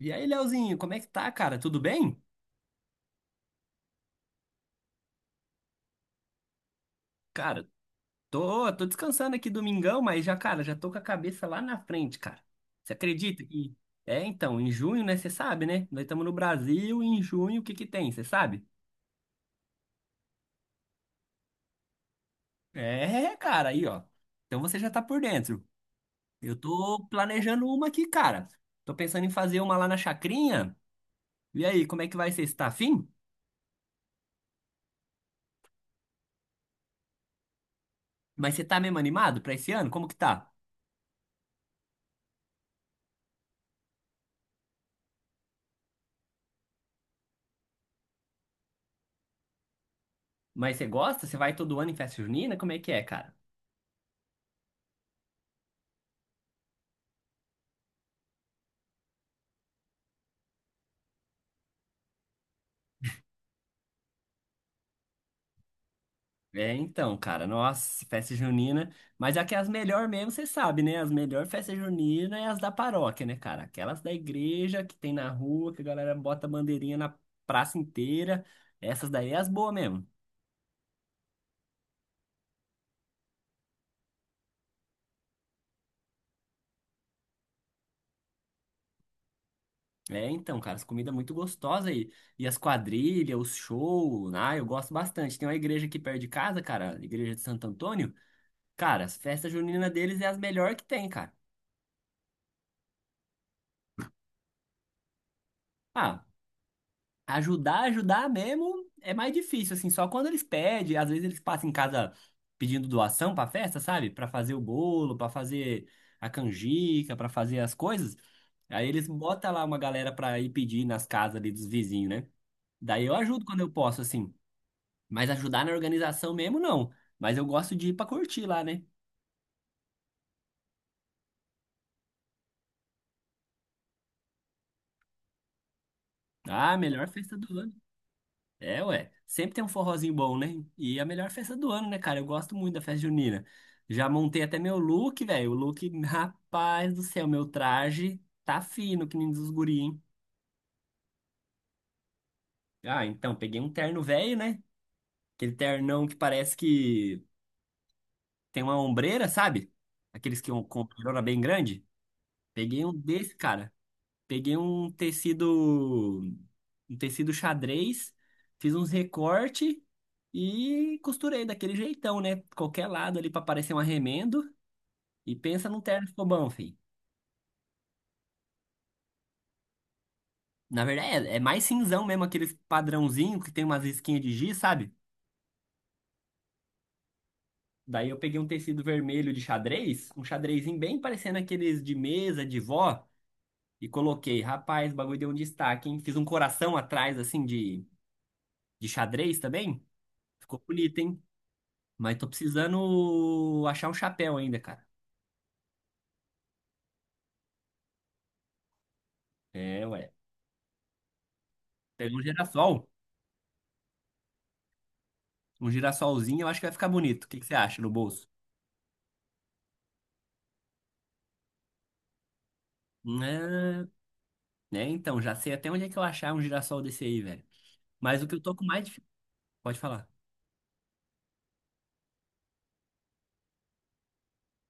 E aí, Leozinho, como é que tá, cara? Tudo bem? Cara, tô descansando aqui domingão, mas já, cara, já tô com a cabeça lá na frente, cara. Você acredita que... É, então, em junho, né? Você sabe, né? Nós estamos no Brasil e em junho o que que tem, você sabe? É, cara, aí, ó. Então você já tá por dentro. Eu tô planejando uma aqui, cara. Tô pensando em fazer uma lá na Chacrinha. E aí, como é que vai ser? Você tá afim? Mas você tá mesmo animado pra esse ano? Como que tá? Mas você gosta? Você vai todo ano em festa junina? Como é que é, cara? É, então, cara, nossa, festa junina. Mas é que as melhores mesmo, você sabe, né? As melhores festas juninas é as da paróquia, né, cara? Aquelas da igreja que tem na rua, que a galera bota bandeirinha na praça inteira. Essas daí é as boas mesmo. É, então, cara, as comidas muito gostosas aí. E as quadrilhas, os shows, ah, eu gosto bastante. Tem uma igreja aqui perto de casa, cara, a igreja de Santo Antônio. Cara, as festas juninas deles é as melhores que tem, cara. Ah. Ajudar, ajudar mesmo é mais difícil, assim, só quando eles pedem, às vezes eles passam em casa pedindo doação pra festa, sabe? Pra fazer o bolo, pra fazer a canjica, pra fazer as coisas. Aí eles botam lá uma galera pra ir pedir nas casas ali dos vizinhos, né? Daí eu ajudo quando eu posso, assim. Mas ajudar na organização mesmo, não. Mas eu gosto de ir pra curtir lá, né? Ah, melhor festa do ano. É, ué. Sempre tem um forrozinho bom, né? E é a melhor festa do ano, né, cara? Eu gosto muito da festa junina. Já montei até meu look, velho. O look, rapaz do céu, meu traje tá fino, que nem dos guri, hein? Ah, então, peguei um terno velho, né? Aquele ternão que parece que tem uma ombreira, sabe? Aqueles que com uma ombreirona bem grande. Peguei um desse, cara. Peguei um tecido xadrez, fiz uns recorte e costurei daquele jeitão, né? Qualquer lado ali pra parecer um arremendo. E pensa num terno que ficou bom, filho. Na verdade, é mais cinzão mesmo, aqueles padrãozinho que tem umas risquinhas de giz, sabe? Daí eu peguei um tecido vermelho de xadrez, um xadrezinho bem parecendo aqueles de mesa, de vó, e coloquei. Rapaz, o bagulho deu um destaque, hein? Fiz um coração atrás, assim, de xadrez também. Ficou bonito, hein? Mas tô precisando achar um chapéu ainda, cara. É, ué. Pega um girassol. Um girassolzinho, eu acho que vai ficar bonito. O que que você acha no bolso? Né, né, então, já sei até onde é que eu achar um girassol desse aí, velho. Mas o que eu tô com mais dif- Pode falar.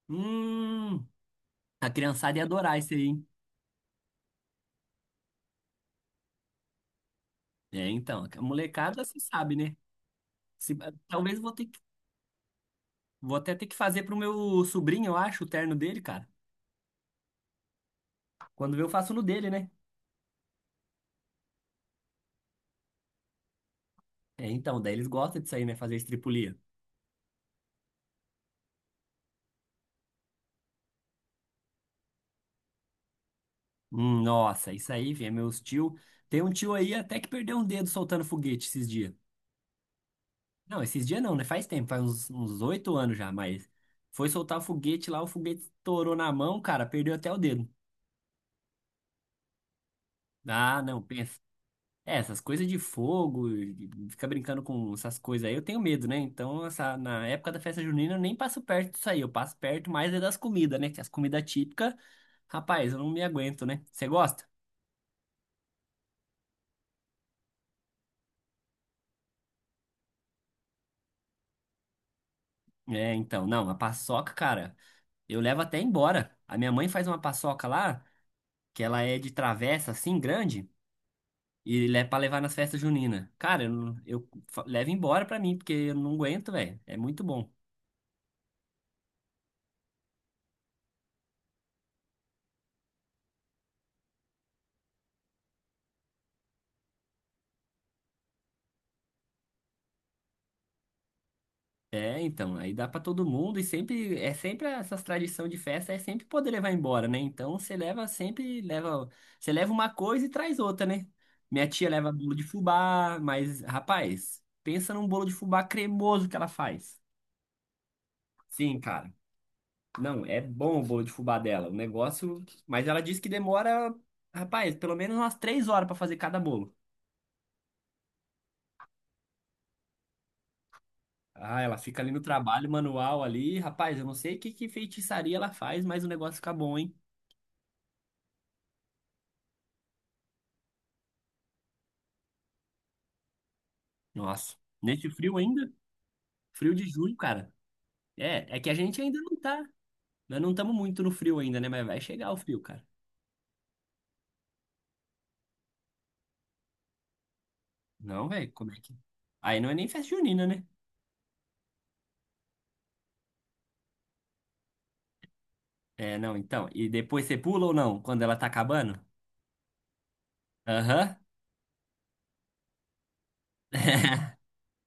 Hum, a criançada ia adorar esse aí, hein? É, então, a molecada, você sabe, né? Se- ah, talvez vou ter que- Vou até ter que fazer pro meu sobrinho, eu acho, o terno dele, cara. Quando vê, eu faço no dele, né? É, então, daí eles gostam disso aí, né? Fazer estripulia. Nossa, isso aí, velho, meus tio. Tem um tio aí até que perdeu um dedo soltando foguete esses dias. Não, esses dias não, né? Faz tempo, faz uns 8 anos já, mas foi soltar o foguete lá, o foguete estourou na mão, cara, perdeu até o dedo. Ah, não, pensa. É, essas coisas de fogo, e fica brincando com essas coisas aí, eu tenho medo, né? Então, essa, na época da festa junina, eu nem passo perto disso aí, eu passo perto mais é das comidas, né? Que as comidas típicas, rapaz, eu não me aguento, né? Você gosta? É, então, não, a paçoca, cara. Eu levo até embora. A minha mãe faz uma paçoca lá, que ela é de travessa assim, grande, e é pra levar nas festas juninas. Cara, eu, não- eu fa- levo embora pra mim, porque eu não aguento, velho. É muito bom. É, então, aí dá pra todo mundo e sempre, é sempre essas tradição de festa, é sempre poder levar embora, né? Então você leva sempre, leva, você leva uma coisa e traz outra, né? Minha tia leva bolo de fubá, mas, rapaz, pensa num bolo de fubá cremoso que ela faz. Sim, cara. Não, é bom o bolo de fubá dela. O negócio. Mas ela disse que demora, rapaz, pelo menos umas 3 horas pra fazer cada bolo. Ah, ela fica ali no trabalho manual ali. Rapaz, eu não sei que feitiçaria ela faz, mas o negócio fica bom, hein? Nossa. Nesse frio ainda? Frio de junho, cara. É que a gente ainda não tá. Nós não estamos muito no frio ainda, né? Mas vai chegar o frio, cara. Não, velho, como é que. Aí não é nem festa junina, né? É, não, então. E depois você pula ou não? Quando ela tá acabando? Aham.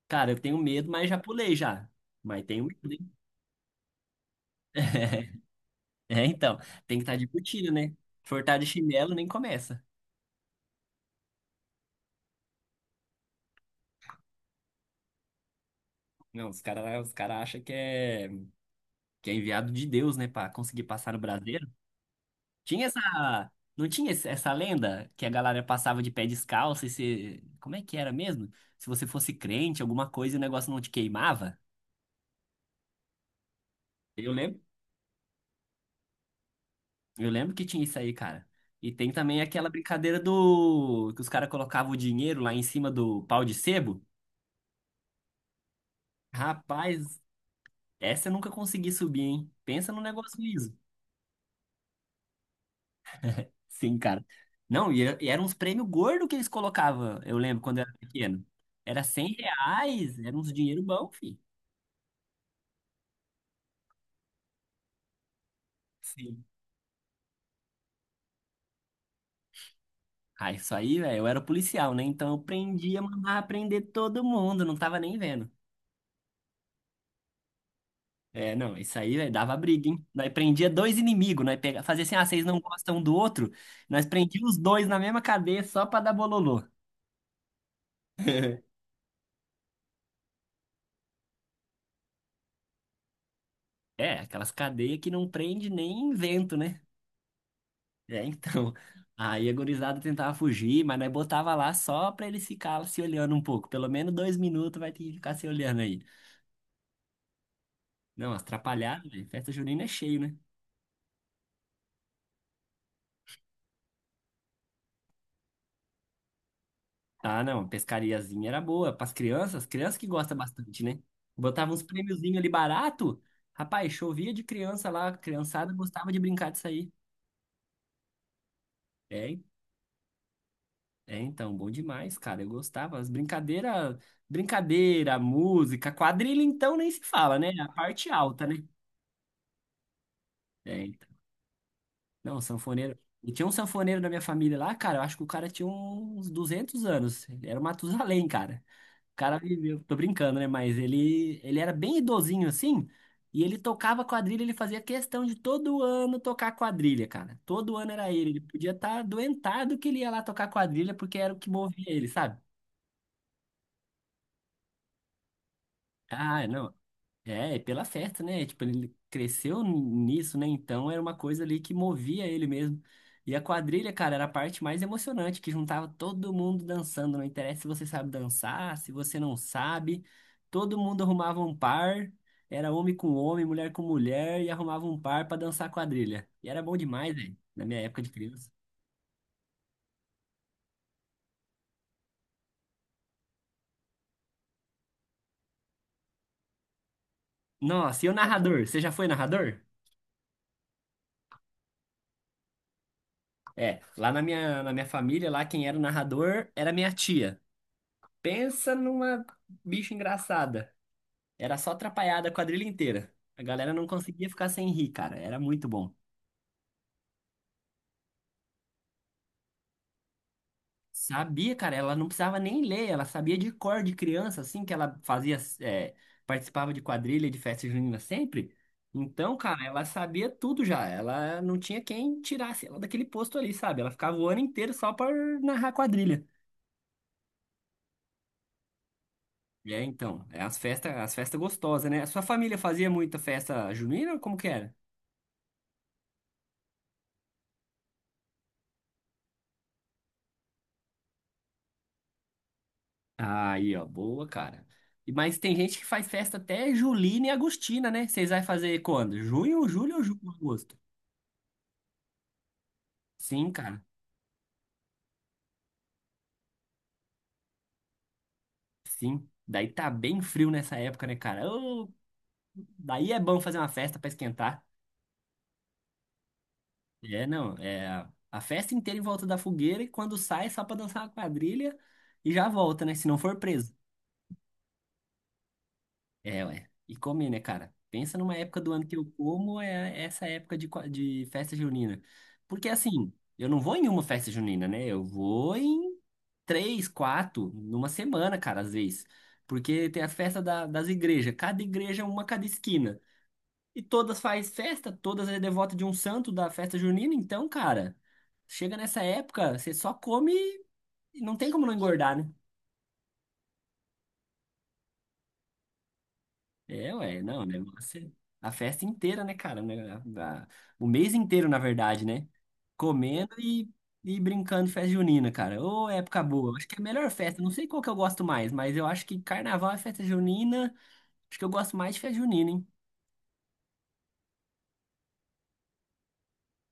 Cara, eu tenho medo, mas já pulei já. Mas tenho medo, hein? É, então, tem que estar de botina, né? Furtar de chinelo nem começa. Não, os caras os cara acham que é enviado de Deus, né, pra conseguir passar no braseiro. Tinha essa. Não tinha essa lenda que a galera passava de pé descalço e se. Como é que era mesmo? Se você fosse crente, alguma coisa e o negócio não te queimava? Eu lembro, eu lembro que tinha isso aí, cara. E tem também aquela brincadeira do. Que os caras colocavam o dinheiro lá em cima do pau de sebo. Rapaz, essa eu nunca consegui subir, hein? Pensa num negócio liso. Sim, cara. Não, e eram uns prêmios gordos que eles colocavam, eu lembro, quando eu era pequeno. Era R$ 100, era uns dinheiro bom, filho. Sim. Ah, isso aí, velho, eu era policial, né? Então eu prendia, mandava prender todo mundo, não tava nem vendo. É, não, isso aí, velho, dava briga, hein? Nós prendia dois inimigos, fazia assim, ah, vocês não gostam um do outro, nós prendíamos os dois na mesma cadeia só pra dar bololô. É, aquelas cadeias que não prende nem vento, né? É, então. Aí a gurizada tentava fugir, mas nós botava lá só pra eles ficar se olhando um pouco. Pelo menos 2 minutos vai ter que ficar se olhando aí. Não, as atrapalhadas, velho. Festa junina é cheio, né? Ah, não, pescariazinha era boa. Pras crianças, crianças que gostam bastante, né? Botava uns prêmiozinhos ali barato. Rapaz, chovia de criança lá. A criançada gostava de brincar disso aí. É, en- é, então, bom demais, cara. Eu gostava. As brincadeiras, brincadeira, música, quadrilha, então nem se fala, né? A parte alta, né? É, não, sanfoneiro. E tinha um sanfoneiro da minha família lá, cara. Eu acho que o cara tinha uns 200 anos. Ele era o Matusalém, cara. O cara viveu. Tô brincando, né? Mas ele era bem idosinho assim. E ele tocava quadrilha. Ele fazia questão de todo ano tocar quadrilha, cara. Todo ano era ele. Ele podia estar doentado que ele ia lá tocar quadrilha porque era o que movia ele, sabe? Ah, não. É pela festa, né? Tipo, ele cresceu nisso, né? Então era uma coisa ali que movia ele mesmo. E a quadrilha, cara, era a parte mais emocionante, que juntava todo mundo dançando. Não interessa se você sabe dançar, se você não sabe. Todo mundo arrumava um par. Era homem com homem, mulher com mulher, e arrumava um par pra dançar quadrilha. E era bom demais, velho, na minha época de criança. Nossa, e o narrador? Você já foi narrador? É, lá na minha família, lá quem era o narrador era minha tia. Pensa numa bicha engraçada. Era só atrapalhada a quadrilha inteira. A galera não conseguia ficar sem rir, cara. Era muito bom. Sabia, cara, ela não precisava nem ler, ela sabia de cor de criança, assim, que ela fazia, é, participava de quadrilha, de festa junina sempre. Então, cara, ela sabia tudo já. Ela não tinha quem tirasse ela daquele posto ali, sabe? Ela ficava o ano inteiro só por narrar quadrilha. É, então, é as festas gostosas, né? A sua família fazia muita festa junina? Como que era? Aí, ó, boa, cara. Mas tem gente que faz festa até Julina e Agostina, né? Vocês vai fazer quando? Junho, julho ou julho, agosto? Sim, cara. Sim. Daí tá bem frio nessa época, né, cara? Ô, daí é bom fazer uma festa pra esquentar. É, não, é a festa inteira em volta da fogueira e quando sai é só pra dançar uma quadrilha e já volta, né? Se não for preso. É, ué. E comer, né, cara? Pensa numa época do ano que eu como, é essa época de, qua- de festa junina. Porque assim, eu não vou em uma festa junina, né? Eu vou em três, quatro, numa semana, cara, às vezes. Porque tem a festa da- das igrejas. Cada igreja, é uma cada esquina. E todas faz festa, todas é devota de um santo da festa junina. Então, cara, chega nessa época, você só come e não tem como não engordar, né? É, ué, não, o negócio é a festa inteira, né, cara? Né, a- o mês inteiro, na verdade, né? Comendo e brincando de festa junina, cara. Ô, época boa. Acho que é a melhor festa. Não sei qual que eu gosto mais, mas eu acho que carnaval é festa junina. Acho que eu gosto mais de festa junina, hein?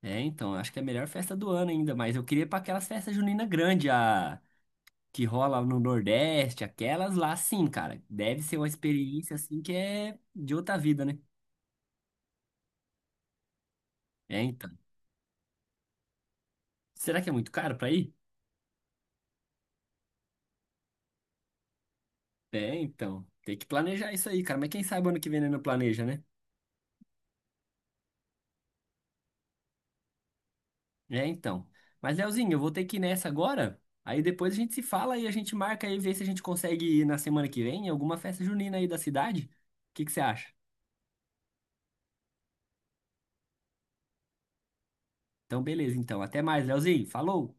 É, então, acho que é a melhor festa do ano ainda, mas eu queria ir pra aquelas festas juninas grandes, a que rola no Nordeste, aquelas lá, sim, cara. Deve ser uma experiência, assim, que é de outra vida, né? É, então. Será que é muito caro pra ir? É, então. Tem que planejar isso aí, cara. Mas quem sabe ano que vem né, não planeja, né? É, então. Mas, Leozinho, eu vou ter que ir nessa agora. Aí depois a gente se fala e a gente marca aí, vê se a gente consegue ir na semana que vem em alguma festa junina aí da cidade. O que que você acha? Então, beleza, então. Até mais, Leozinho. Falou!